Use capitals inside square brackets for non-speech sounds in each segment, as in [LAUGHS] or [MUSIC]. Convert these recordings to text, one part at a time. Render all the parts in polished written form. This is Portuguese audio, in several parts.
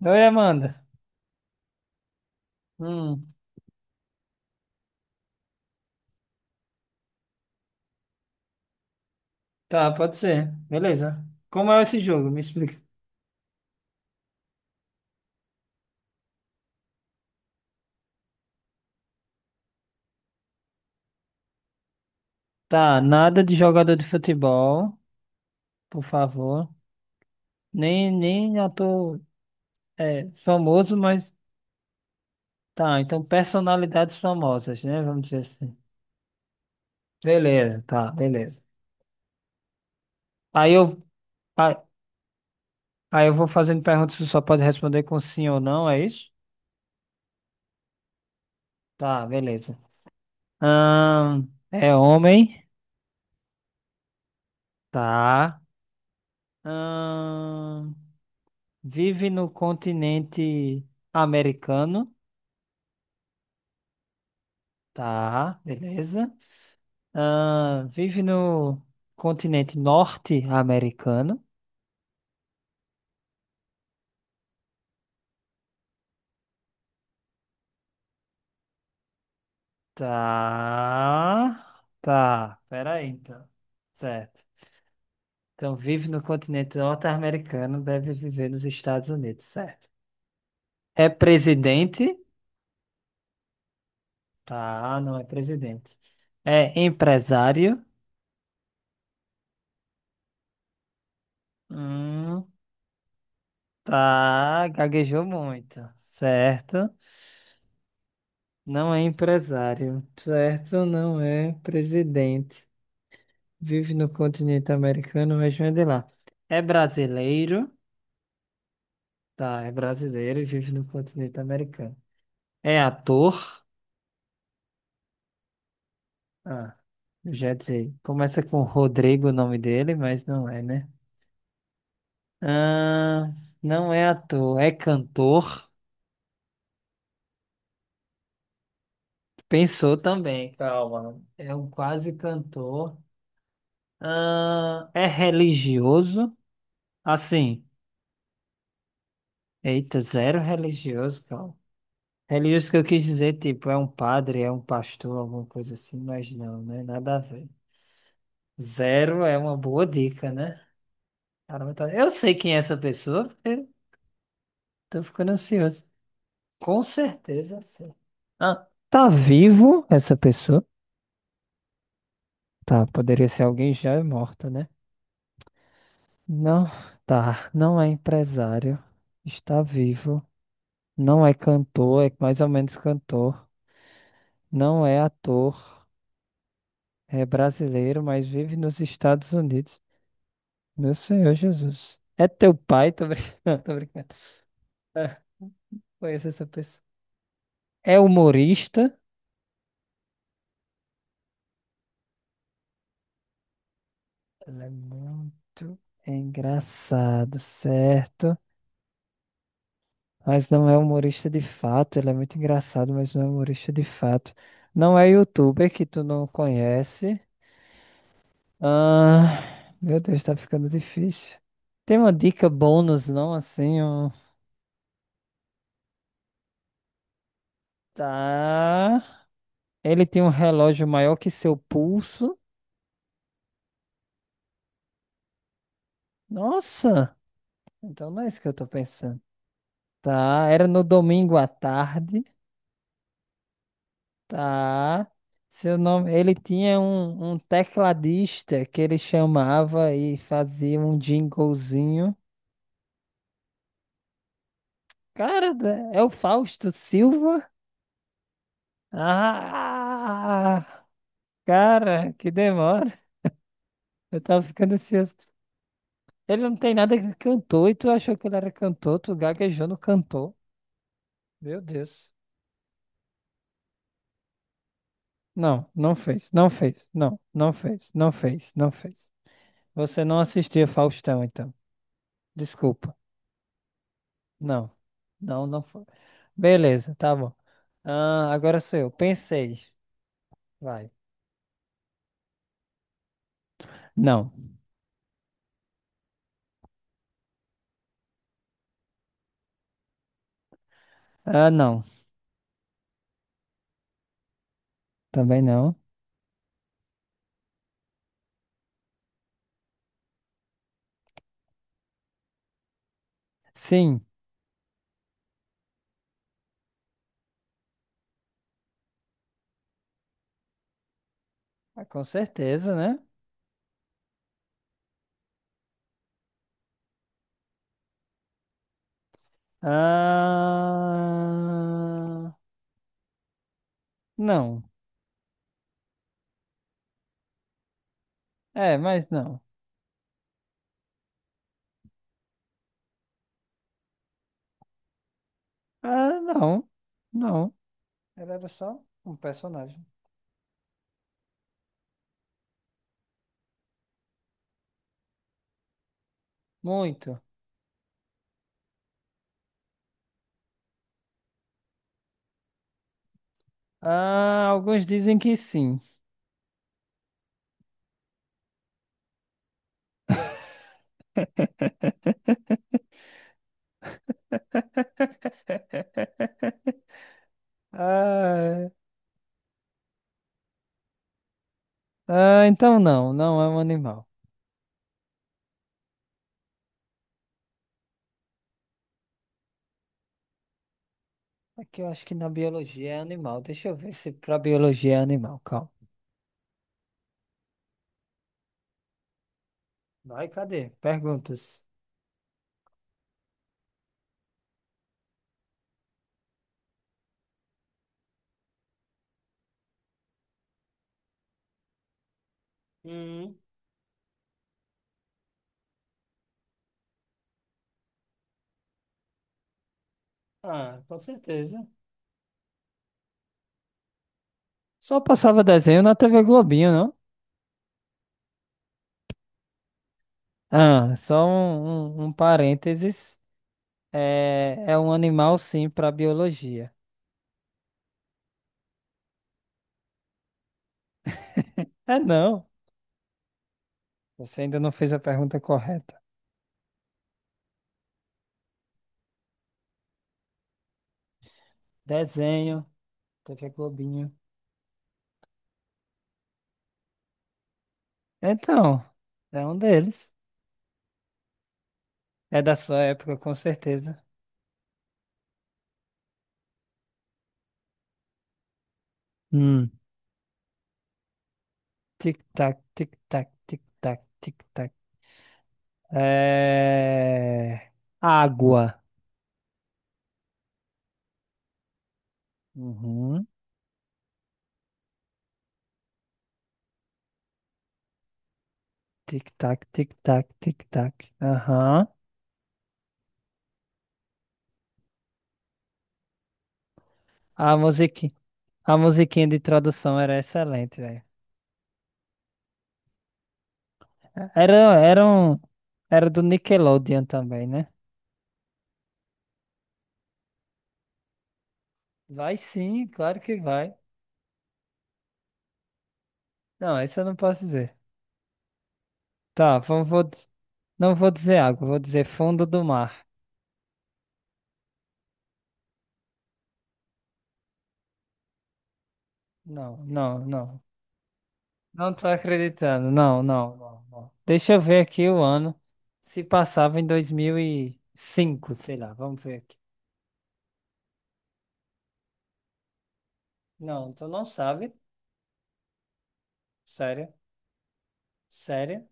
Oi, Amanda. Hum, tá, pode ser. Beleza. Como é esse jogo? Me explica. Tá, nada de jogador de futebol, por favor. Nem ator famoso, mas tá. Então, personalidades famosas, né? Vamos dizer assim. Beleza, tá, beleza. Aí eu, aí, aí eu vou fazendo perguntas, você só pode responder com sim ou não, é isso? Tá, beleza. Ahn, é homem? Tá. Ahn, vive no continente americano, tá, beleza. Ah, vive no continente norte-americano, tá, tá, peraí então, certo. Então, vive no continente norte-americano, deve viver nos Estados Unidos, certo. É presidente, tá, não é presidente. É empresário. Hum. Tá, gaguejou muito, certo. Não é empresário, certo? Não é presidente. Vive no continente americano, mas não é de lá. É brasileiro, tá? É brasileiro e vive no continente americano. É ator, ah, eu já ia dizer. Começa com Rodrigo o nome dele, mas não é, né? Ah, não é ator, é cantor. Pensou também, calma. É um quase cantor. Ah, é religioso, assim. Eita, zero religioso, cara. Religioso que eu quis dizer, tipo, é um padre, é um pastor, alguma coisa assim, mas não, né? Nada a ver. Zero é uma boa dica, né? Caramba, eu sei quem é essa pessoa, porque tô ficando ansioso. Com certeza, sim. Ah, tá vivo essa pessoa? Tá, poderia ser alguém já morto, né? Não, tá. Não é empresário. Está vivo. Não é cantor, é mais ou menos cantor. Não é ator. É brasileiro, mas vive nos Estados Unidos. Meu Senhor Jesus. É teu pai? Tô brincando, [LAUGHS] tô brincando. Ah, conheço essa pessoa. É humorista. Ela é muito engraçado, certo? Mas não é humorista de fato. Ele é muito engraçado, mas não é humorista de fato. Não é youtuber que tu não conhece. Ah, meu Deus, tá ficando difícil. Tem uma dica bônus, não? Assim, um. Tá. Ele tem um relógio maior que seu pulso. Nossa! Então não é isso que eu tô pensando. Tá, era no domingo à tarde. Tá. Seu nome. Ele tinha um tecladista que ele chamava e fazia um jinglezinho. Cara, é o Fausto Silva? Ah! Cara, que demora. Eu tava ficando ansioso. Ele não tem nada que cantou e tu achou que ele era cantor, tu gaguejou no cantor. Meu Deus. Não, não fez, não fez, não, não fez, não fez, não fez. Você não assistia Faustão, então. Desculpa. Não, não, não foi. Beleza, tá bom. Ah, agora sou eu. Pensei. Vai. Não. Ah, não. Também não. Sim. Ah, com certeza, né? Ah, não. É, mas não. Ah, não. Não. Ela era só um personagem. Muito. Ah, alguns dizem que sim. [LAUGHS] Ah, ah, então não, não é um animal. Aqui eu acho que na biologia é animal. Deixa eu ver se pra biologia é animal. Calma. Vai, cadê? Perguntas. Hum. Ah, com certeza. Só passava desenho na TV Globinho, não? Ah, só um parênteses. É um animal, sim, para biologia. É não. Você ainda não fez a pergunta correta. Desenho, TV Globinho. Então, é um deles. É da sua época, com certeza. Hum. Tic-tac, tic-tac, tic-tac, tic-tac. É... Água. Uhum. Tic-tac, tic-tac, tic-tac. Aham. A musiqui... A musiquinha de tradução era excelente, velho. Era, era um... Era do Nickelodeon também, né? Vai sim, claro que vai. Não, isso eu não posso dizer. Tá, não vou dizer água, vou dizer fundo do mar. Não, não, não. Não tô acreditando. Não, não, não, não. Deixa eu ver aqui o ano. Se passava em 2005, sei lá. Vamos ver aqui. Não, tu não sabe. Sério, sério.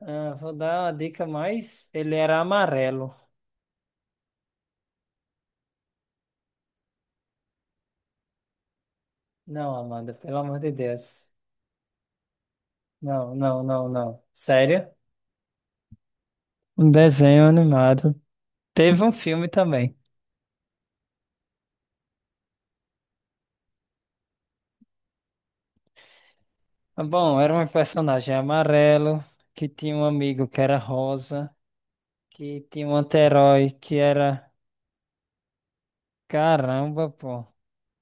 Ah, vou dar uma dica mais. Ele era amarelo. Não, Amanda, pelo amor de Deus. Não, não, não, não. Sério? Um desenho animado. Teve um filme também. Ah, bom, era um personagem amarelo que tinha um amigo que era rosa. Que tinha um anti-herói que era. Caramba, pô.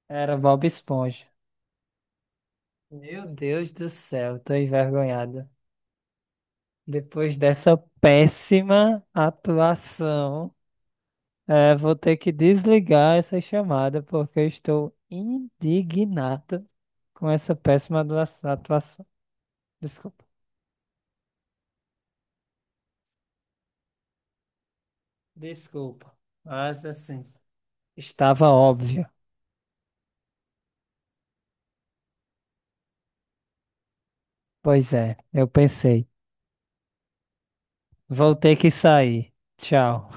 Era Bob Esponja. Meu Deus do céu, tô envergonhado. Depois dessa péssima atuação, vou ter que desligar essa chamada porque eu estou indignado com essa péssima atuação. Desculpa. Desculpa. Mas assim, estava óbvio. Pois é, eu pensei. Vou ter que sair. Tchau.